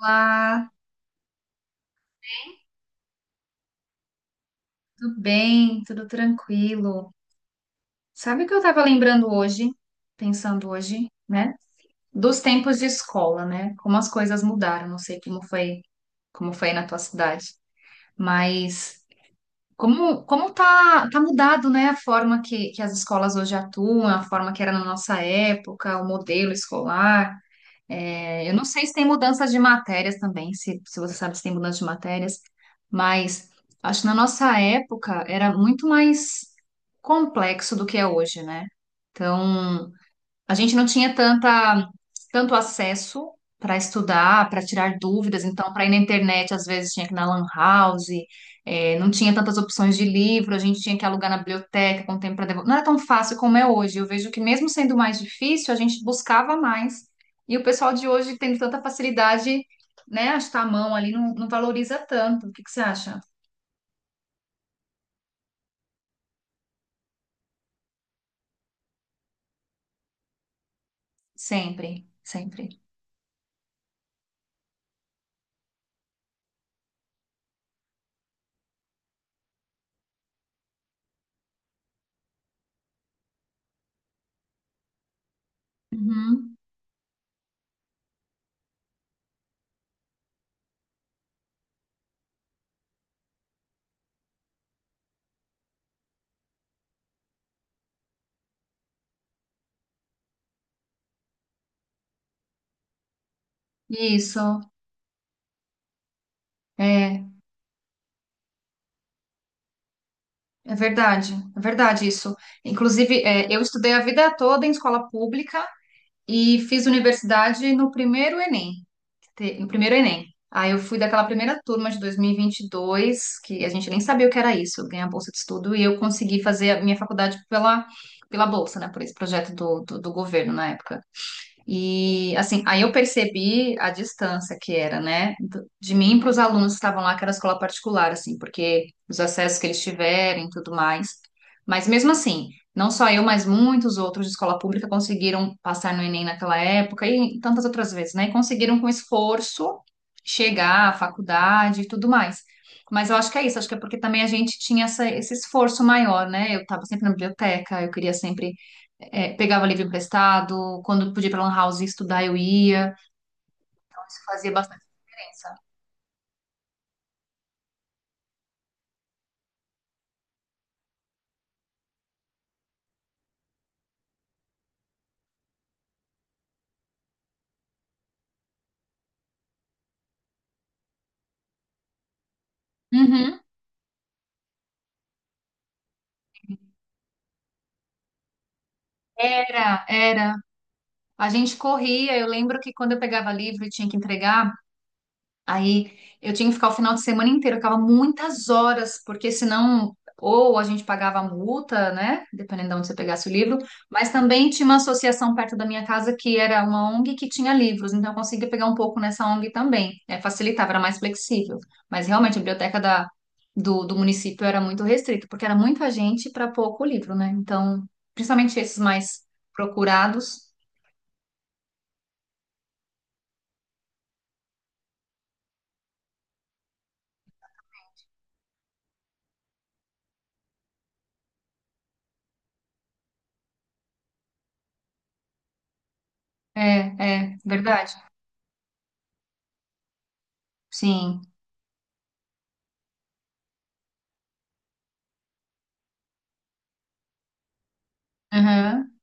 Olá, tudo bem? Tudo tranquilo? Sabe o que eu estava lembrando hoje, pensando hoje, né? Dos tempos de escola, né? Como as coisas mudaram, não sei como foi na tua cidade, mas como tá mudado, né? A forma que as escolas hoje atuam, a forma que era na nossa época, o modelo escolar. É, eu não sei se tem mudanças de matérias também, se você sabe se tem mudança de matérias, mas acho que na nossa época era muito mais complexo do que é hoje, né? Então, a gente não tinha tanta, tanto acesso para estudar, para tirar dúvidas, então, para ir na internet, às vezes tinha que ir na Lan House. Não tinha tantas opções de livro, a gente tinha que alugar na biblioteca com tempo para devolver. Não era tão fácil como é hoje. Eu vejo que, mesmo sendo mais difícil, a gente buscava mais. E o pessoal de hoje, tendo tanta facilidade, né, acho que tá a mão ali, não valoriza tanto. O que que você acha? Sempre, sempre. Uhum. Isso. É. É verdade isso. Inclusive, é, eu estudei a vida toda em escola pública e fiz universidade no primeiro Enem, no primeiro Enem. Aí eu fui daquela primeira turma de dois mil e vinte e dois, que a gente nem sabia o que era isso, ganhar bolsa de estudo, e eu consegui fazer a minha faculdade pela, pela bolsa, né, por esse projeto do governo na época. E assim, aí eu percebi a distância que era, né, de mim para os alunos que estavam lá, que era escola particular, assim, porque os acessos que eles tiverem e tudo mais. Mas mesmo assim, não só eu, mas muitos outros de escola pública conseguiram passar no Enem naquela época e tantas outras vezes, né? E conseguiram com esforço chegar à faculdade e tudo mais. Mas eu acho que é isso, acho que é porque também a gente tinha esse esforço maior, né? Eu estava sempre na biblioteca, eu queria sempre é, pegava livro emprestado, quando podia ir pra Lan House estudar, eu ia. Então, isso fazia bastante diferença. Uhum. Era, era. A gente corria. Eu lembro que quando eu pegava livro e tinha que entregar, aí eu tinha que ficar o final de semana inteiro, eu ficava muitas horas, porque senão ou a gente pagava a multa, né? Dependendo de onde você pegasse o livro, mas também tinha uma associação perto da minha casa que era uma ONG que tinha livros, então eu conseguia pegar um pouco nessa ONG também. É, facilitava, era mais flexível. Mas realmente a biblioteca da, do município era muito restrita, porque era muita gente para pouco livro, né? Então, principalmente esses mais procurados. É, é, verdade. Sim. Aham.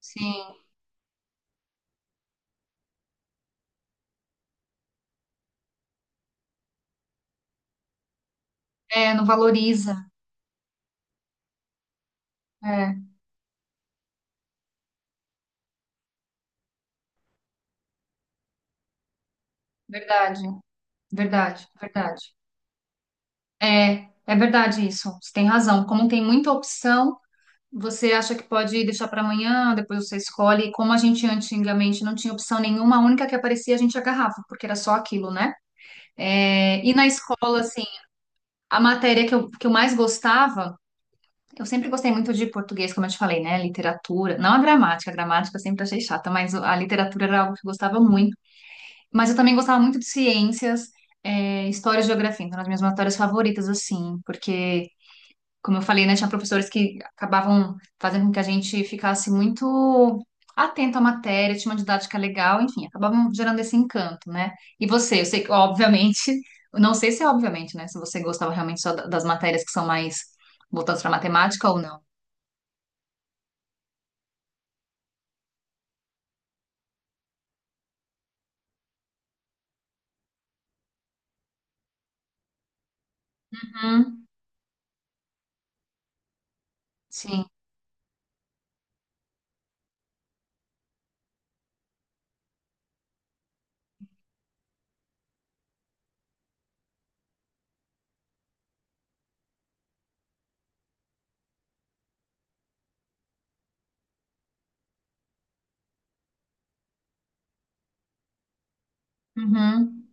Sim. É, não valoriza. É, verdade, verdade, verdade. É, é verdade isso. Você tem razão. Como tem muita opção, você acha que pode deixar para amanhã, depois você escolhe. E como a gente antigamente não tinha opção nenhuma, a única que aparecia a gente agarrava, porque era só aquilo, né? É, e na escola, assim, a matéria que eu mais gostava, eu sempre gostei muito de português, como eu te falei, né? Literatura, não a gramática, a gramática eu sempre achei chata, mas a literatura era algo que eu gostava muito. Mas eu também gostava muito de ciências, é, história e geografia, então eram as minhas matérias favoritas, assim, porque, como eu falei, né, tinha professores que acabavam fazendo com que a gente ficasse muito atento à matéria, tinha uma didática legal, enfim, acabavam gerando esse encanto, né? E você, eu sei que, obviamente, eu não sei se é obviamente, né, se você gostava realmente só das matérias que são mais voltadas para matemática ou não. Uhum, sim. Uhum.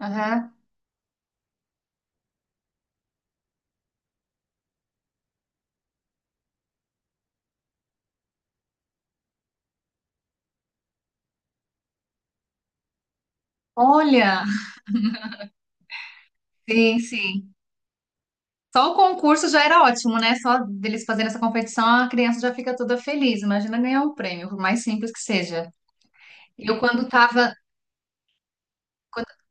Aham. Olha, sim, sim. Só o concurso já era ótimo, né? Só deles fazerem essa competição, a criança já fica toda feliz. Imagina ganhar um prêmio, por mais simples que seja. Eu quando tava. Quando-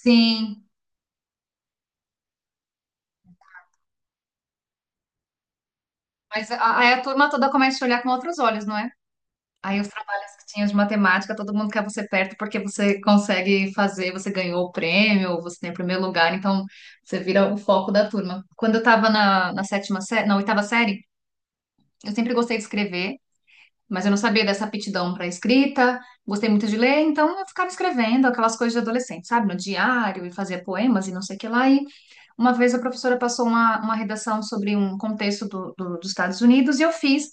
Sim, mas aí a turma toda começa a te olhar com outros olhos, não é? Aí os trabalhos que tinha de matemática, todo mundo quer você perto porque você consegue fazer, você ganhou o prêmio, você tem o primeiro lugar, então você vira o foco da turma. Quando eu tava na sétima série, na oitava série, eu sempre gostei de escrever. Mas eu não sabia dessa aptidão para escrita, gostei muito de ler, então eu ficava escrevendo aquelas coisas de adolescente, sabe? No diário e fazia poemas e não sei o que lá. E uma vez a professora passou uma redação sobre um contexto do, dos Estados Unidos e eu fiz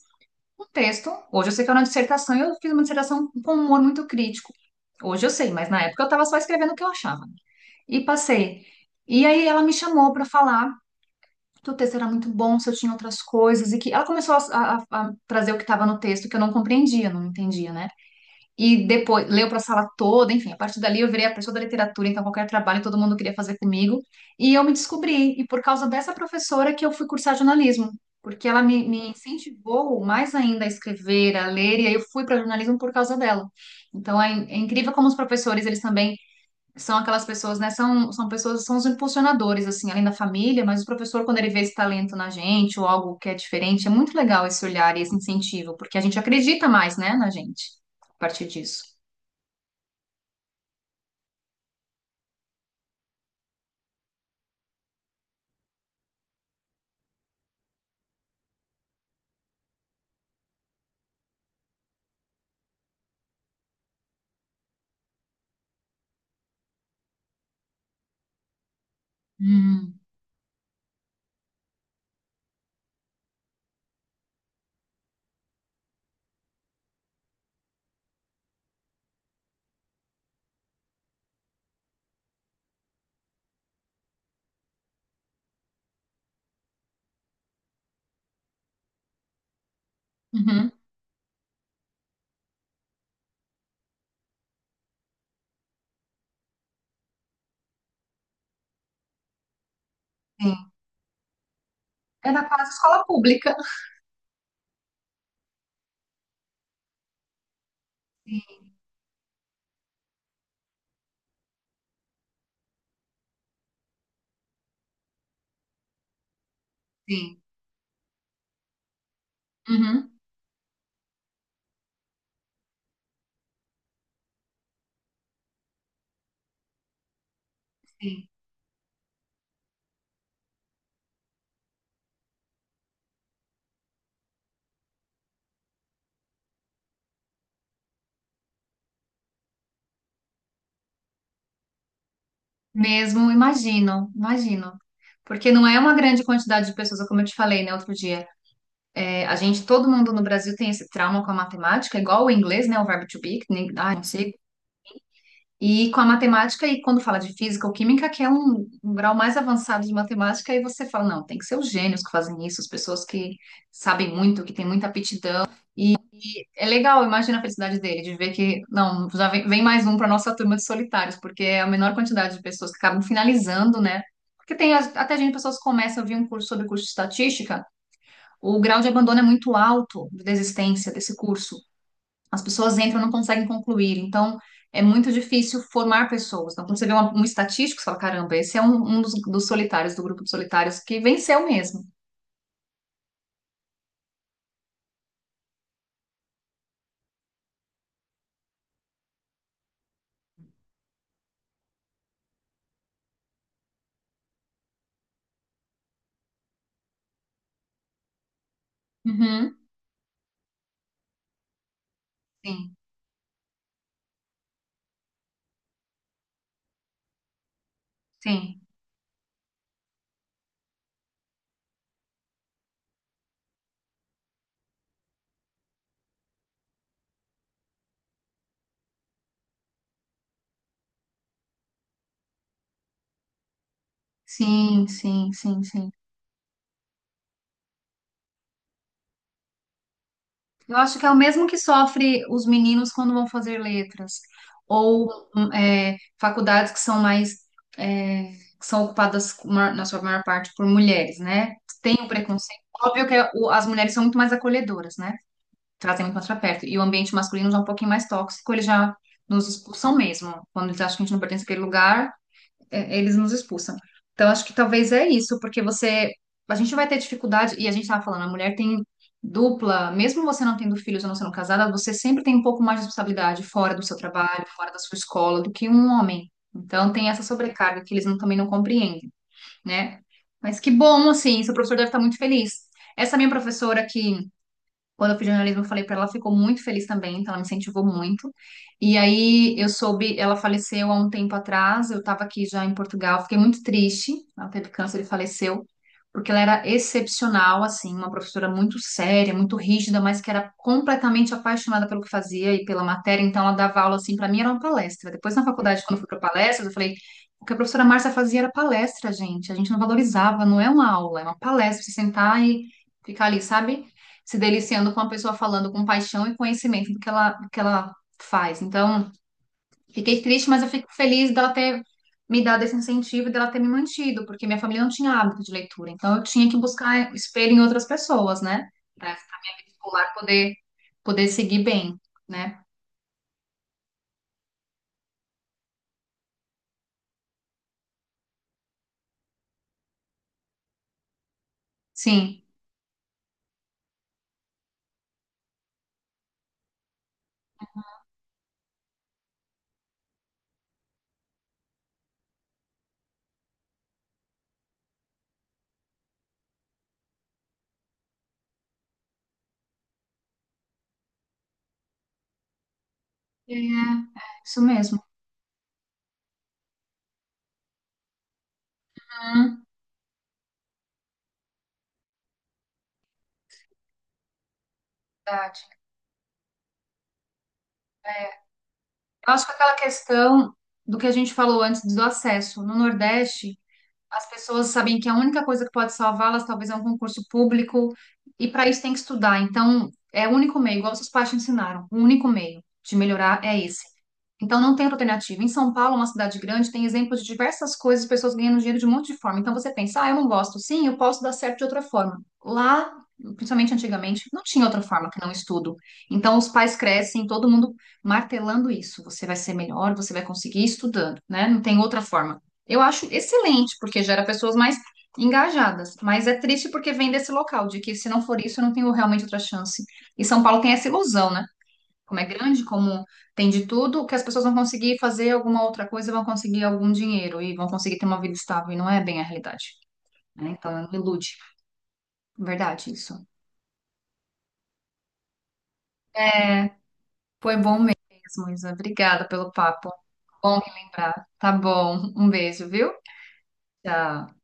um texto. Hoje eu sei que era uma dissertação, e eu fiz uma dissertação com um humor muito crítico. Hoje eu sei, mas na época eu estava só escrevendo o que eu achava. E passei. E aí ela me chamou para falar que o texto era muito bom, se eu tinha outras coisas, e que ela começou a trazer o que estava no texto que eu não compreendia, não entendia, né? E depois leu para a sala toda, enfim, a partir dali eu virei a pessoa da literatura, então qualquer trabalho todo mundo queria fazer comigo. E eu me descobri, e por causa dessa professora que eu fui cursar jornalismo, porque ela me incentivou mais ainda a escrever, a ler, e aí eu fui para jornalismo por causa dela. Então é, é incrível como os professores, eles também são aquelas pessoas, né? São, são pessoas, são os impulsionadores, assim, além da família, mas o professor, quando ele vê esse talento na gente ou algo que é diferente, é muito legal esse olhar e esse incentivo, porque a gente acredita mais, né, na gente, a partir disso. Hum. Uhum. Sim. É da quase escola pública. Sim, sim. Uhum. Sim. Mesmo, imagino, imagino. Porque não é uma grande quantidade de pessoas, como eu te falei, né, outro dia. É, a gente, todo mundo no Brasil tem esse trauma com a matemática, igual o inglês, né, o verbo to be, que nem, ah, não sei. E com a matemática, e quando fala de física ou química, que é um, um grau mais avançado de matemática, aí você fala, não, tem que ser os gênios que fazem isso, as pessoas que sabem muito, que têm muita aptidão. E é legal, imagina a felicidade dele, de ver que, não, já vem, vem mais um para nossa turma de solitários, porque é a menor quantidade de pessoas que acabam finalizando, né? Porque tem até gente, pessoas que começam, eu vi um curso sobre curso de estatística, o grau de abandono é muito alto, de desistência desse curso. As pessoas entram e não conseguem concluir. Então, é muito difícil formar pessoas. Então, quando você vê um estatístico, você fala, caramba, esse é um, um dos solitários, do grupo de solitários, que venceu mesmo. Uhum. Sim, sim, sim, sim, sim, sim. Eu acho que é o mesmo que sofre os meninos quando vão fazer letras, ou é, faculdades que são mais, é, que são ocupadas na sua maior parte por mulheres, né? Tem o preconceito. Óbvio que é as mulheres são muito mais acolhedoras, né? Trazem muito mais pra perto. E o ambiente masculino já é um pouquinho mais tóxico, eles já nos expulsam mesmo. Quando eles acham que a gente não pertence àquele lugar, é, eles nos expulsam. Então, acho que talvez é isso, porque você. A gente vai ter dificuldade, e a gente estava falando, a mulher tem dupla, mesmo você não tendo filhos ou não sendo casada, você sempre tem um pouco mais de responsabilidade fora do seu trabalho, fora da sua escola, do que um homem. Então, tem essa sobrecarga que eles também não compreendem, né? Mas que bom, assim, seu professor deve estar muito feliz. Essa minha professora que quando eu fiz jornalismo, eu falei pra ela, ela ficou muito feliz também, então ela me incentivou muito. E aí eu soube, ela faleceu há um tempo atrás, eu estava aqui já em Portugal, fiquei muito triste, ela teve câncer e faleceu, porque ela era excepcional, assim, uma professora muito séria, muito rígida, mas que era completamente apaixonada pelo que fazia e pela matéria, então ela dava aula, assim, pra mim era uma palestra. Depois na faculdade, quando eu fui para palestras, eu falei, o que a professora Márcia fazia era palestra, gente, a gente não valorizava, não é uma aula, é uma palestra, você sentar e ficar ali, sabe? Se deliciando com a pessoa falando com paixão e conhecimento do que ela, faz. Então, fiquei triste, mas eu fico feliz dela ter me dado esse incentivo e dela ter me mantido, porque minha família não tinha hábito de leitura. Então, eu tinha que buscar espelho em outras pessoas, né? Para minha vida escolar poder, poder seguir bem, né? Sim. É, é isso mesmo. Hum, verdade. Eu acho que aquela questão do que a gente falou antes do acesso no Nordeste, as pessoas sabem que a única coisa que pode salvá-las talvez é um concurso público, e para isso tem que estudar. Então, é o único meio, igual seus pais te ensinaram, o único meio de melhorar é esse. Então não tem outra alternativa. Em São Paulo, uma cidade grande, tem exemplos de diversas coisas, pessoas ganhando dinheiro de um monte de forma. Então você pensa, ah, eu não gosto. Sim, eu posso dar certo de outra forma. Lá, principalmente antigamente, não tinha outra forma que não estudo. Então os pais crescem, todo mundo martelando isso. Você vai ser melhor, você vai conseguir estudando, né? Não tem outra forma. Eu acho excelente, porque gera pessoas mais engajadas, mas é triste porque vem desse local, de que se não for isso, eu não tenho realmente outra chance. E São Paulo tem essa ilusão, né? Como é grande, como tem de tudo, que as pessoas vão conseguir fazer alguma outra coisa, vão conseguir algum dinheiro e vão conseguir ter uma vida estável, e não é bem a realidade, né? Então, não ilude. Verdade, isso. É, foi bom mesmo, Isa. Obrigada pelo papo. Bom relembrar. Tá bom. Um beijo, viu? Tchau.